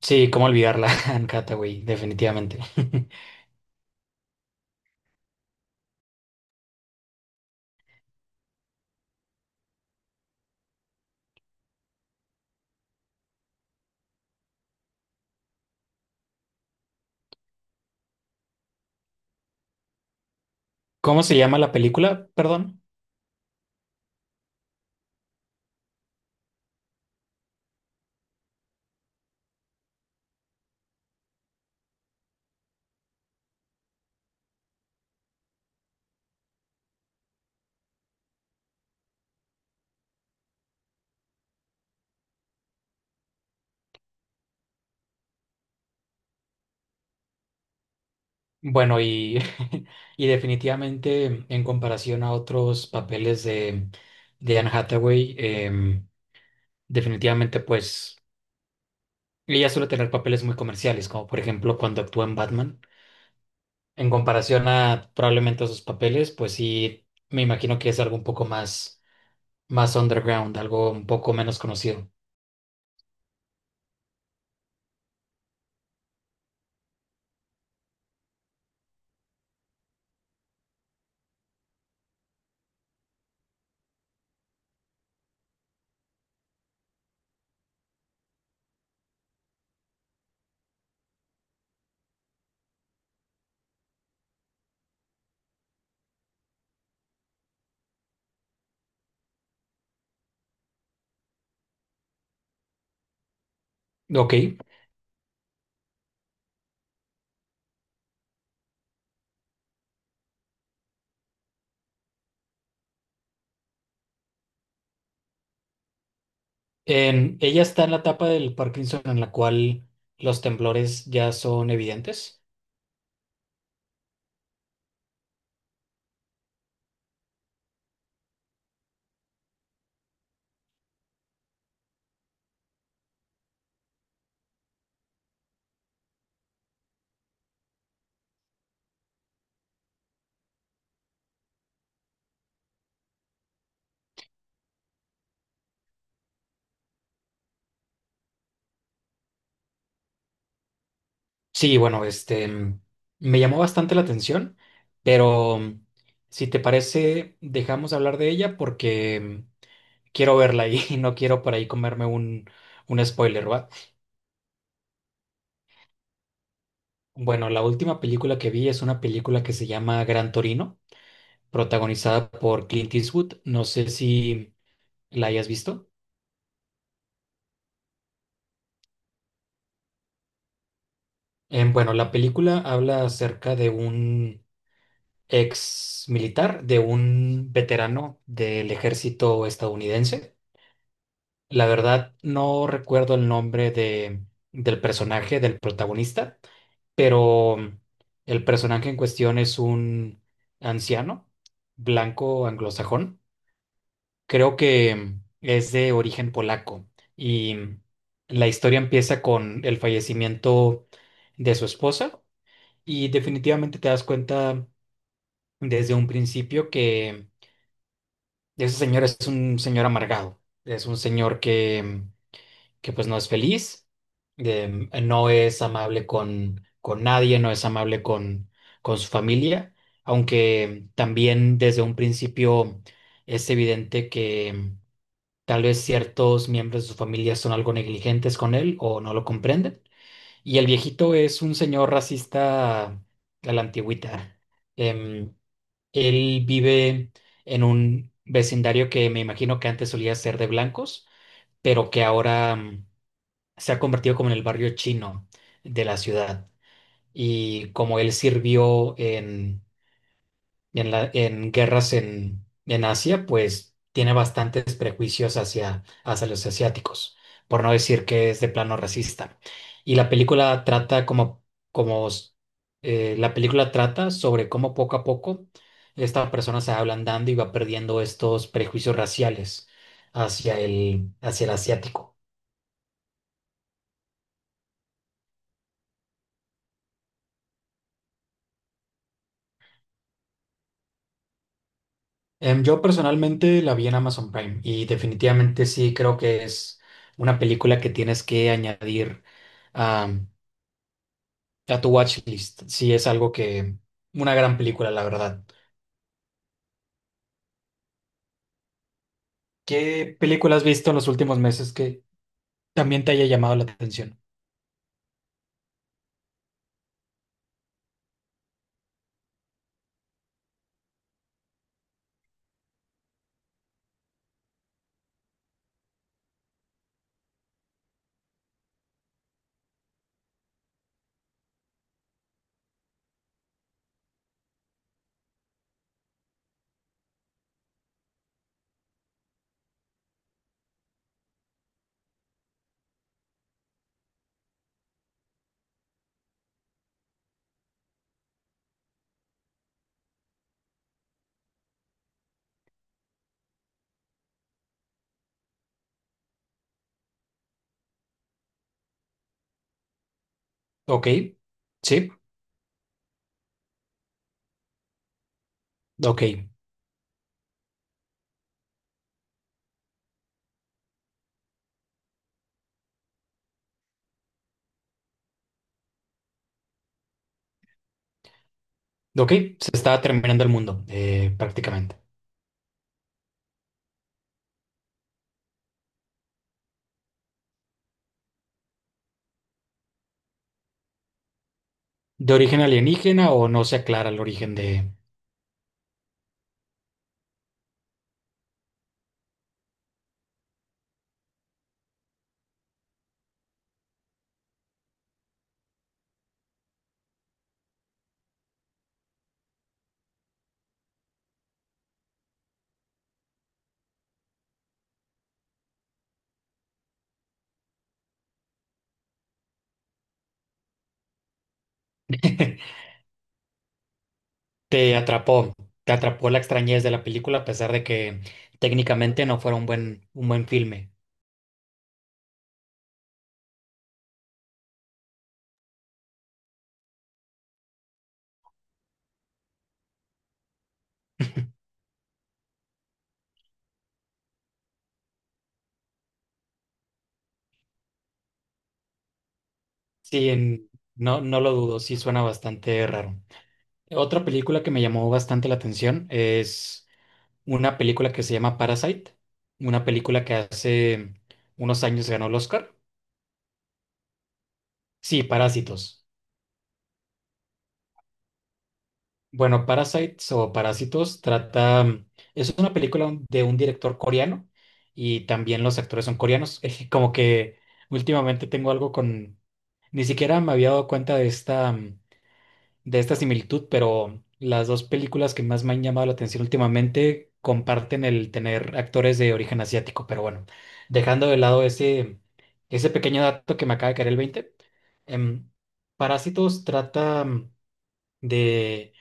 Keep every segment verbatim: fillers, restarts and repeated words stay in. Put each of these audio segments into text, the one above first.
Sí, cómo olvidarla, Anne Hathaway, definitivamente. ¿Cómo se llama la película? Perdón. Bueno, y, y definitivamente en comparación a otros papeles de, de Anne Hathaway, em, definitivamente pues ella suele tener papeles muy comerciales, como por ejemplo cuando actuó en Batman. En comparación a probablemente a sus papeles, pues sí, me imagino que es algo un poco más, más underground, algo un poco menos conocido. Ok. En- ella está en la etapa del Parkinson en la cual los temblores ya son evidentes. Sí, bueno, este mm, me llamó bastante la atención, pero mm, si te parece, dejamos hablar de ella porque mm, quiero verla ahí y no quiero por ahí comerme un, un spoiler, ¿va? Bueno, la última película que vi es una película que se llama Gran Torino, protagonizada por Clint Eastwood. No sé si la hayas visto. Em, bueno, la película habla acerca de un ex militar, de un veterano del ejército estadounidense. La verdad, no recuerdo el nombre de, del personaje, del protagonista, pero mm, el personaje en cuestión es un anciano, blanco, anglosajón. Creo que mm, es de origen polaco y mm, la historia empieza con el fallecimiento de su esposa y definitivamente te das cuenta desde un principio que ese señor es un señor amargado, es un señor que, que pues no es feliz, eh, no es amable con, con nadie, no es amable con, con su familia, aunque también desde un principio es evidente que tal vez ciertos miembros de su familia son algo negligentes con él o no lo comprenden. Y el viejito es un señor racista a la antigüita. Em, él vive en un vecindario que me imagino que antes solía ser de blancos, pero que ahora mm, se ha convertido como en el barrio chino de la ciudad. Y como él sirvió en y en, la- en guerras en, en Asia, pues tiene bastantes prejuicios hacia, hacia los asiáticos, por no decir que es de plano racista. Y la película trata como, como eh, la película trata sobre cómo poco a poco esta persona se va ablandando y va perdiendo estos prejuicios raciales hacia el, hacia el asiático. Em, yo personalmente la vi en Amazon Prime y definitivamente sí creo que es una película que tienes que añadir a tu watchlist, sí es algo que, una gran película, la verdad. ¿Qué película has visto en los últimos meses que también te haya llamado la atención? Ok, sí, ok, ok, se está terminando el mundo, eh, prácticamente. ¿De origen alienígena o no se aclara el origen de... Te atrapó, te atrapó la extrañez de la película a pesar de que técnicamente no fuera un buen, un buen filme. Sí, en- no, no lo dudo, sí suena bastante raro. Otra película que me llamó bastante la atención es una película que se llama Parasite, una película que hace unos años ganó el Oscar. Sí, Parásitos. Bueno, Parasites o Parásitos trata, mm, es una película de un director coreano y también los actores son coreanos. Eh, como que últimamente tengo algo con, ni siquiera me había dado cuenta de esta mm, de esta similitud, pero las dos películas que más me han llamado la atención últimamente comparten el tener actores de origen asiático, pero bueno, dejando de lado ese, ese pequeño dato que me acaba de caer el veinte, em, Parásitos trata mm, de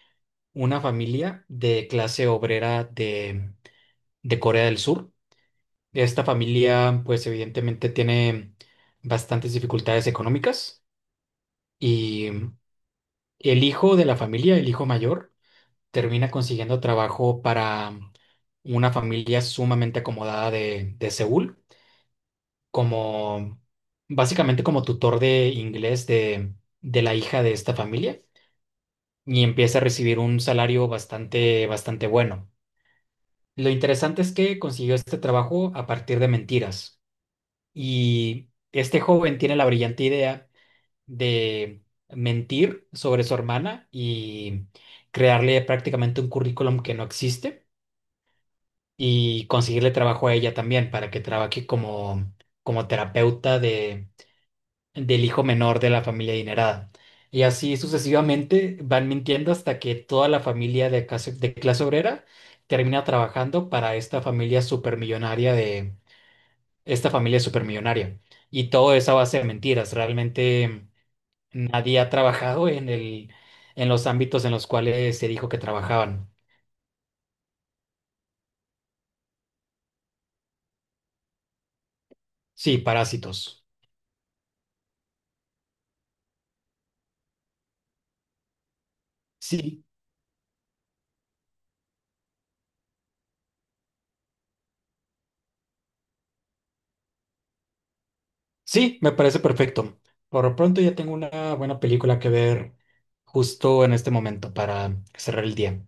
una familia de clase obrera de, de Corea del Sur. Esta familia, pues evidentemente tiene bastantes dificultades económicas y mm, el hijo de la familia, el hijo mayor, termina consiguiendo trabajo para una familia sumamente acomodada de, de Seúl, como básicamente como tutor de inglés de, de la hija de esta familia y empieza a recibir un salario bastante, bastante bueno. Lo interesante es que consiguió este trabajo a partir de mentiras y este joven tiene la brillante idea de mentir sobre su hermana y crearle prácticamente un currículum que no existe y conseguirle trabajo a ella también para que trabaje como, como terapeuta de, del hijo menor de la familia adinerada. Y así sucesivamente van mintiendo hasta que toda la familia de clase, de clase obrera termina trabajando para esta familia supermillonaria de esta familia supermillonaria. Y todo es a base de mentiras. Realmente nadie ha trabajado en el, en los ámbitos en los cuales se dijo que trabajaban. Sí, parásitos. Sí, sí, me parece perfecto. Por lo pronto ya tengo una buena película que ver justo en este momento para cerrar el día.